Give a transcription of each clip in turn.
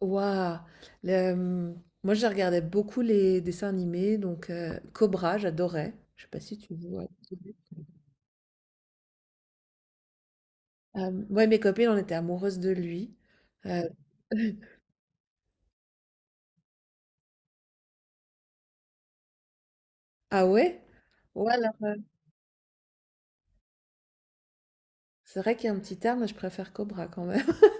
Waouh! Moi, je regardais beaucoup les dessins animés, donc Cobra, j'adorais. Je sais pas si tu vois? Moi et mes copines, on était amoureuses de lui. Heu ah ouais? Ouais, alors, c'est vrai qu'il y a un petit terme, mais je préfère Cobra quand même.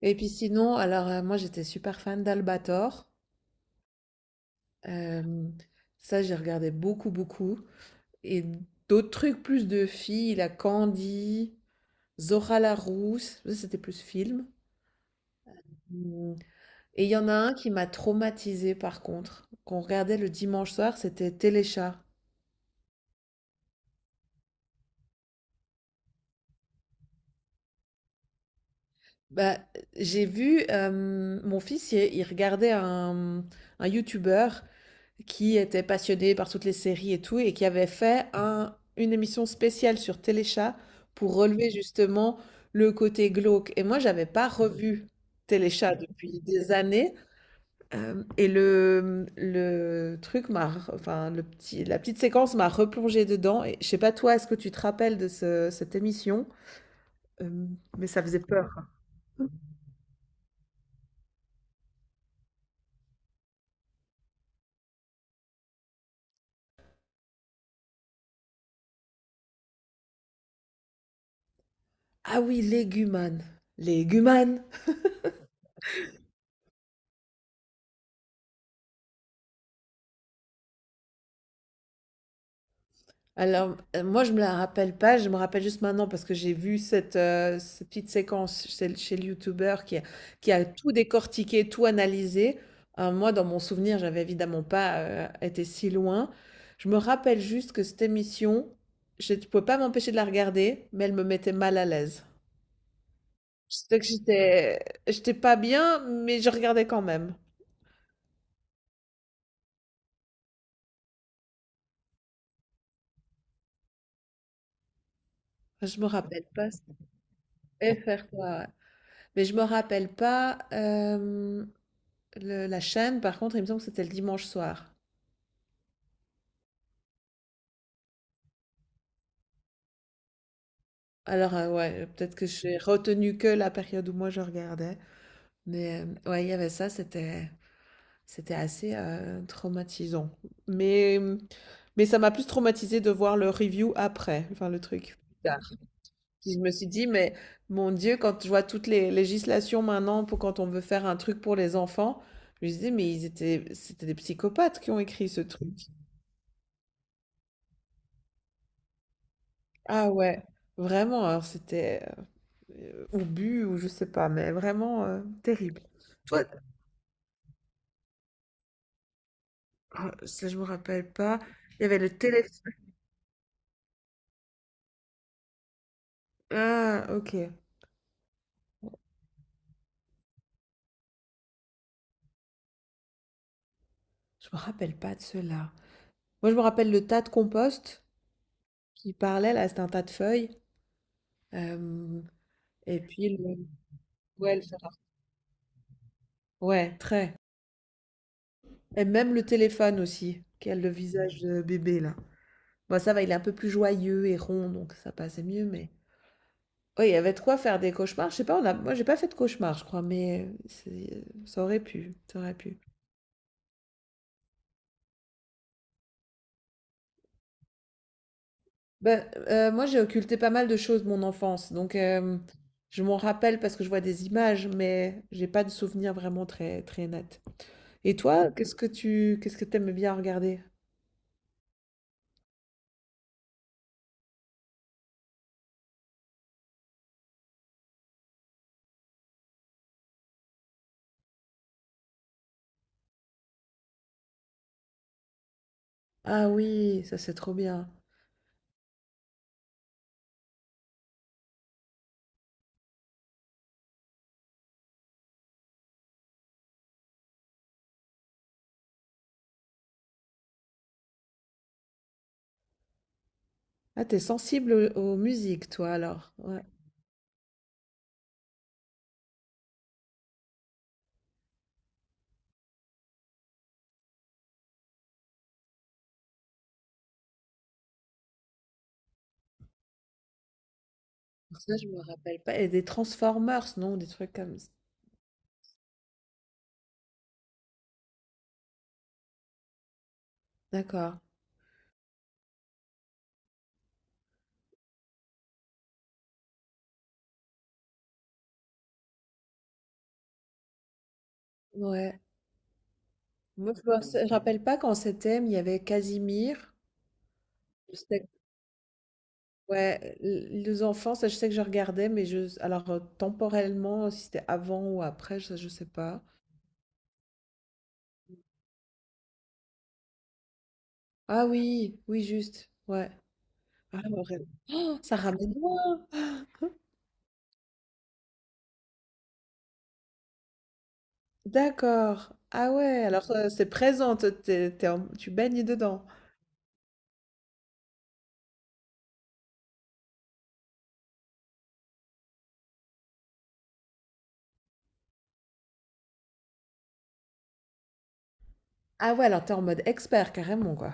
Et puis sinon, alors, moi, j'étais super fan d'Albator. Hem, Ça, j'ai regardé beaucoup, beaucoup, et d'autres trucs plus de filles, la Candy, Zora la Rousse, ça, c'était plus film. Mmh Et il y en a un qui m'a traumatisée par contre, qu'on regardait le dimanche soir, c'était Téléchat. Bah, j'ai vu mon fils, il regardait un YouTuber qui était passionné par toutes les séries et tout, et qui avait fait une émission spéciale sur Téléchat pour relever justement le côté glauque. Et moi, j'avais pas revu Téléchat depuis des années. Hem Et le truc m'a r enfin le petit la petite séquence m'a replongé dedans, et je sais pas toi, est-ce que tu te rappelles de ce cette émission? Mais ça faisait peur. Ah oui, Leguman. Leguman! Alors, moi, je me la rappelle pas, je me rappelle juste maintenant parce que j'ai vu cette, cette petite séquence chez le youtubeur qui a tout décortiqué, tout analysé. Moi, dans mon souvenir, j'avais évidemment pas, été si loin. Je me rappelle juste que cette émission, je pouvais pas m'empêcher de la regarder, mais elle me mettait mal à l'aise. Je sais que j'étais pas bien, mais je regardais quand même. Je me rappelle pas c FR3, ouais. Mais je me rappelle pas. Hem Le la chaîne, par contre, il me semble que c'était le dimanche soir. Alors, ouais, peut-être que j'ai retenu que la période où moi je regardais, mais, ouais, il y avait ça, c'était assez, traumatisant. Mais, mais ça m'a plus traumatisé de voir le review après, enfin le truc plus tard. Puis je me suis dit: «Mais mon Dieu», quand je vois toutes les législations maintenant pour quand on veut faire un truc pour les enfants, je me suis dit: «Mais ils étaient c'était des psychopathes qui ont écrit ce truc». Ah ouais, vraiment, alors c'était ou bu ou je sais pas, mais vraiment, terrible. Toi Ah, ça, je me rappelle pas. Il y avait le téléphone. Ah, OK. Je me rappelle pas de cela. Moi, je me rappelle le tas de compost qui parlait là, c'était un tas de feuilles. Hem Et puis le ouais, le fer à ouais, très et même le téléphone aussi, qui a le visage de bébé là. Bon, ça va, il est un peu plus joyeux et rond, donc ça passait mieux, mais ouais, il y avait de quoi faire des cauchemars. Je sais pas, on a moi, j'ai pas fait de cauchemars, je crois, mais c'est ça aurait pu, ça aurait pu. Ben, moi, j'ai occulté pas mal de choses de mon enfance, donc je m'en rappelle parce que je vois des images, mais j'ai pas de souvenirs vraiment très très nets. Et toi, qu'est-ce que t'aimes bien regarder? Ah oui, ça, c'est trop bien. Ah, t'es sensible aux musiques, toi, alors? Ouais. Ça, je me rappelle pas. Et des Transformers, non? Des trucs comme s D'accord. Ouais. Moi, je me s rappelle pas quand c'était, mais il y avait Casimir. Ouais, l les enfants, ça je sais que je regardais, mais je alors, temporellement, si c'était avant ou après, ça je sais pas. Ah oui, oui juste, ouais. Ah ouais. Oh, ça ramène loin! D'accord. Ah ouais, alors, c'est présent, t'es t'es es tu en tu baignes dedans. Ah ouais, alors t'es en mode expert carrément, quoi.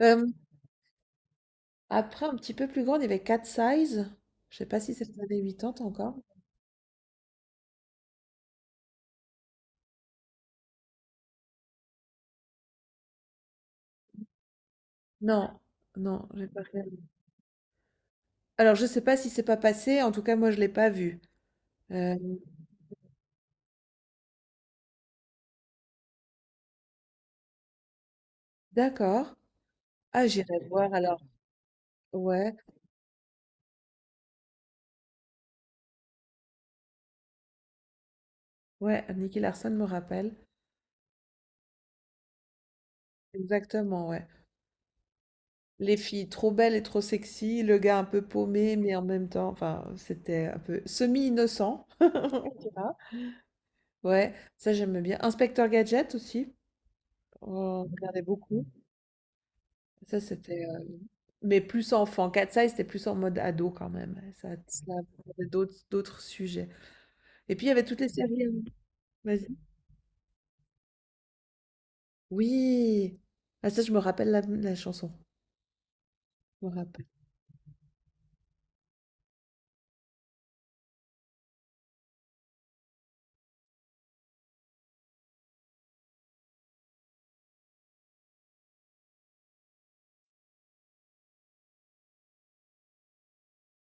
Hem, Après un petit peu plus grande, il y avait Cat Size. Je sais pas si c'est les années 80 encore? Non, non, j'ai pas regardé. Alors je sais pas si c'est pas passé, en tout cas moi je l'ai pas vu. Hem, d'accord. Ah, j'irai voir alors. Ouais, ouais, Nicky Larson me rappelle. Exactement, ouais. Les filles trop belles et trop sexy, le gars un peu paumé, mais en même temps, enfin, c'était un peu semi-innocent. Tu vois. Ouais, ça j'aime bien. Inspecteur Gadget aussi, on regardait beaucoup. Ça c'était, mais plus enfant. Cat Size, c'était plus en mode ado quand même. Ça abordait d'autres sujets. Et puis il y avait toutes les séries, hein. Vas-y. Oui. Ah, ça je me rappelle la chanson. Je me rappelle.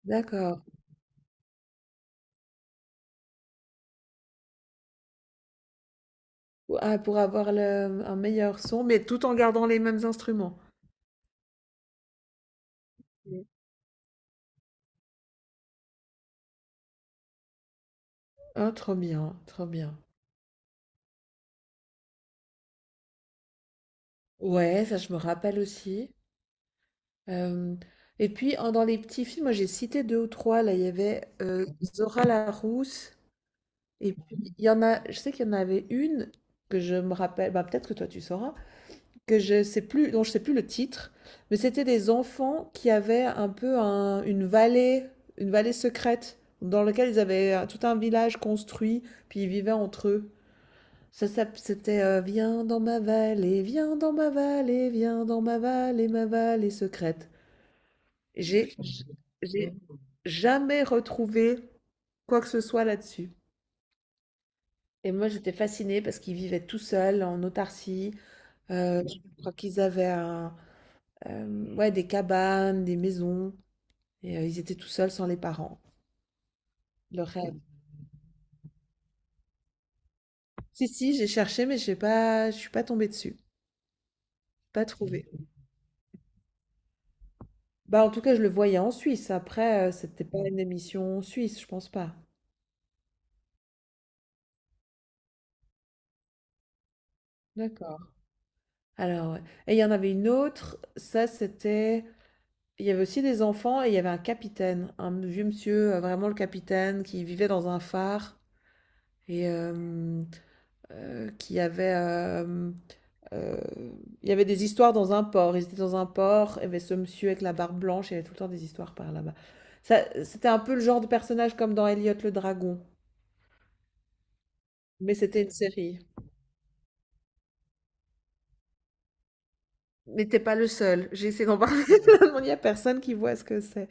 D'accord. Ou Ah, pour avoir le un meilleur son, mais tout en gardant les mêmes instruments? Mmh. Ah, trop bien, trop bien. Ouais, ça, je me rappelle aussi. Hem Et puis, en dans les petits films, moi, j'ai cité 2 ou 3 là, il y avait, Zora Larousse, et puis il y en a, je sais qu'il y en avait une que je me rappelle, bah, peut-être que toi, tu sauras. Que je sais plus Dont je sais plus le titre, mais c'était des enfants qui avaient un peu une vallée secrète dans laquelle ils avaient tout un village construit, puis ils vivaient entre eux. Ça, c'était Viens dans ma vallée, viens dans ma vallée, viens dans ma vallée secrète. J'ai j'ai jamais retrouvé quoi que ce soit là-dessus. Et moi, j'étais fascinée parce qu'ils vivaient tout seuls en autarcie. Je crois qu'ils avaient ouais, des cabanes, des maisons. Et ils étaient tout seuls sans les parents. Leur rêve. Si, si, j'ai cherché, mais j'ai pas, je suis pas tombée dessus. Pas trouvé. Bah, en tout cas, je le voyais en Suisse. Après, c'était pas une émission suisse, je pense pas. D'accord. Alors, ouais. Et il y en avait une autre. Ça, c'était. Il y avait aussi des enfants et il y avait un capitaine, un vieux monsieur, vraiment le capitaine, qui vivait dans un phare et qui avait. Euh, il y avait des histoires dans un port. Ils étaient dans un port, il y avait ce monsieur avec la barbe blanche, il y avait tout le temps des histoires par là-bas. Ça, c'était un peu le genre de personnage comme dans Elliot le dragon, mais c'était une série. Mais t'es pas le seul. J'ai essayé d'en parler. Il y a personne qui voit ce que c'est.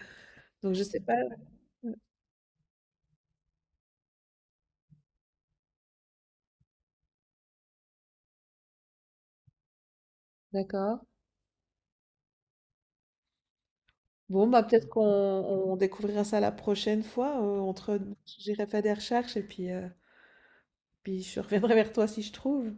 Donc je sais pas. D'accord. Bon, bah peut-être qu'on découvrira ça la prochaine fois. J'irai faire des recherches, et puis, puis je reviendrai vers toi si je trouve.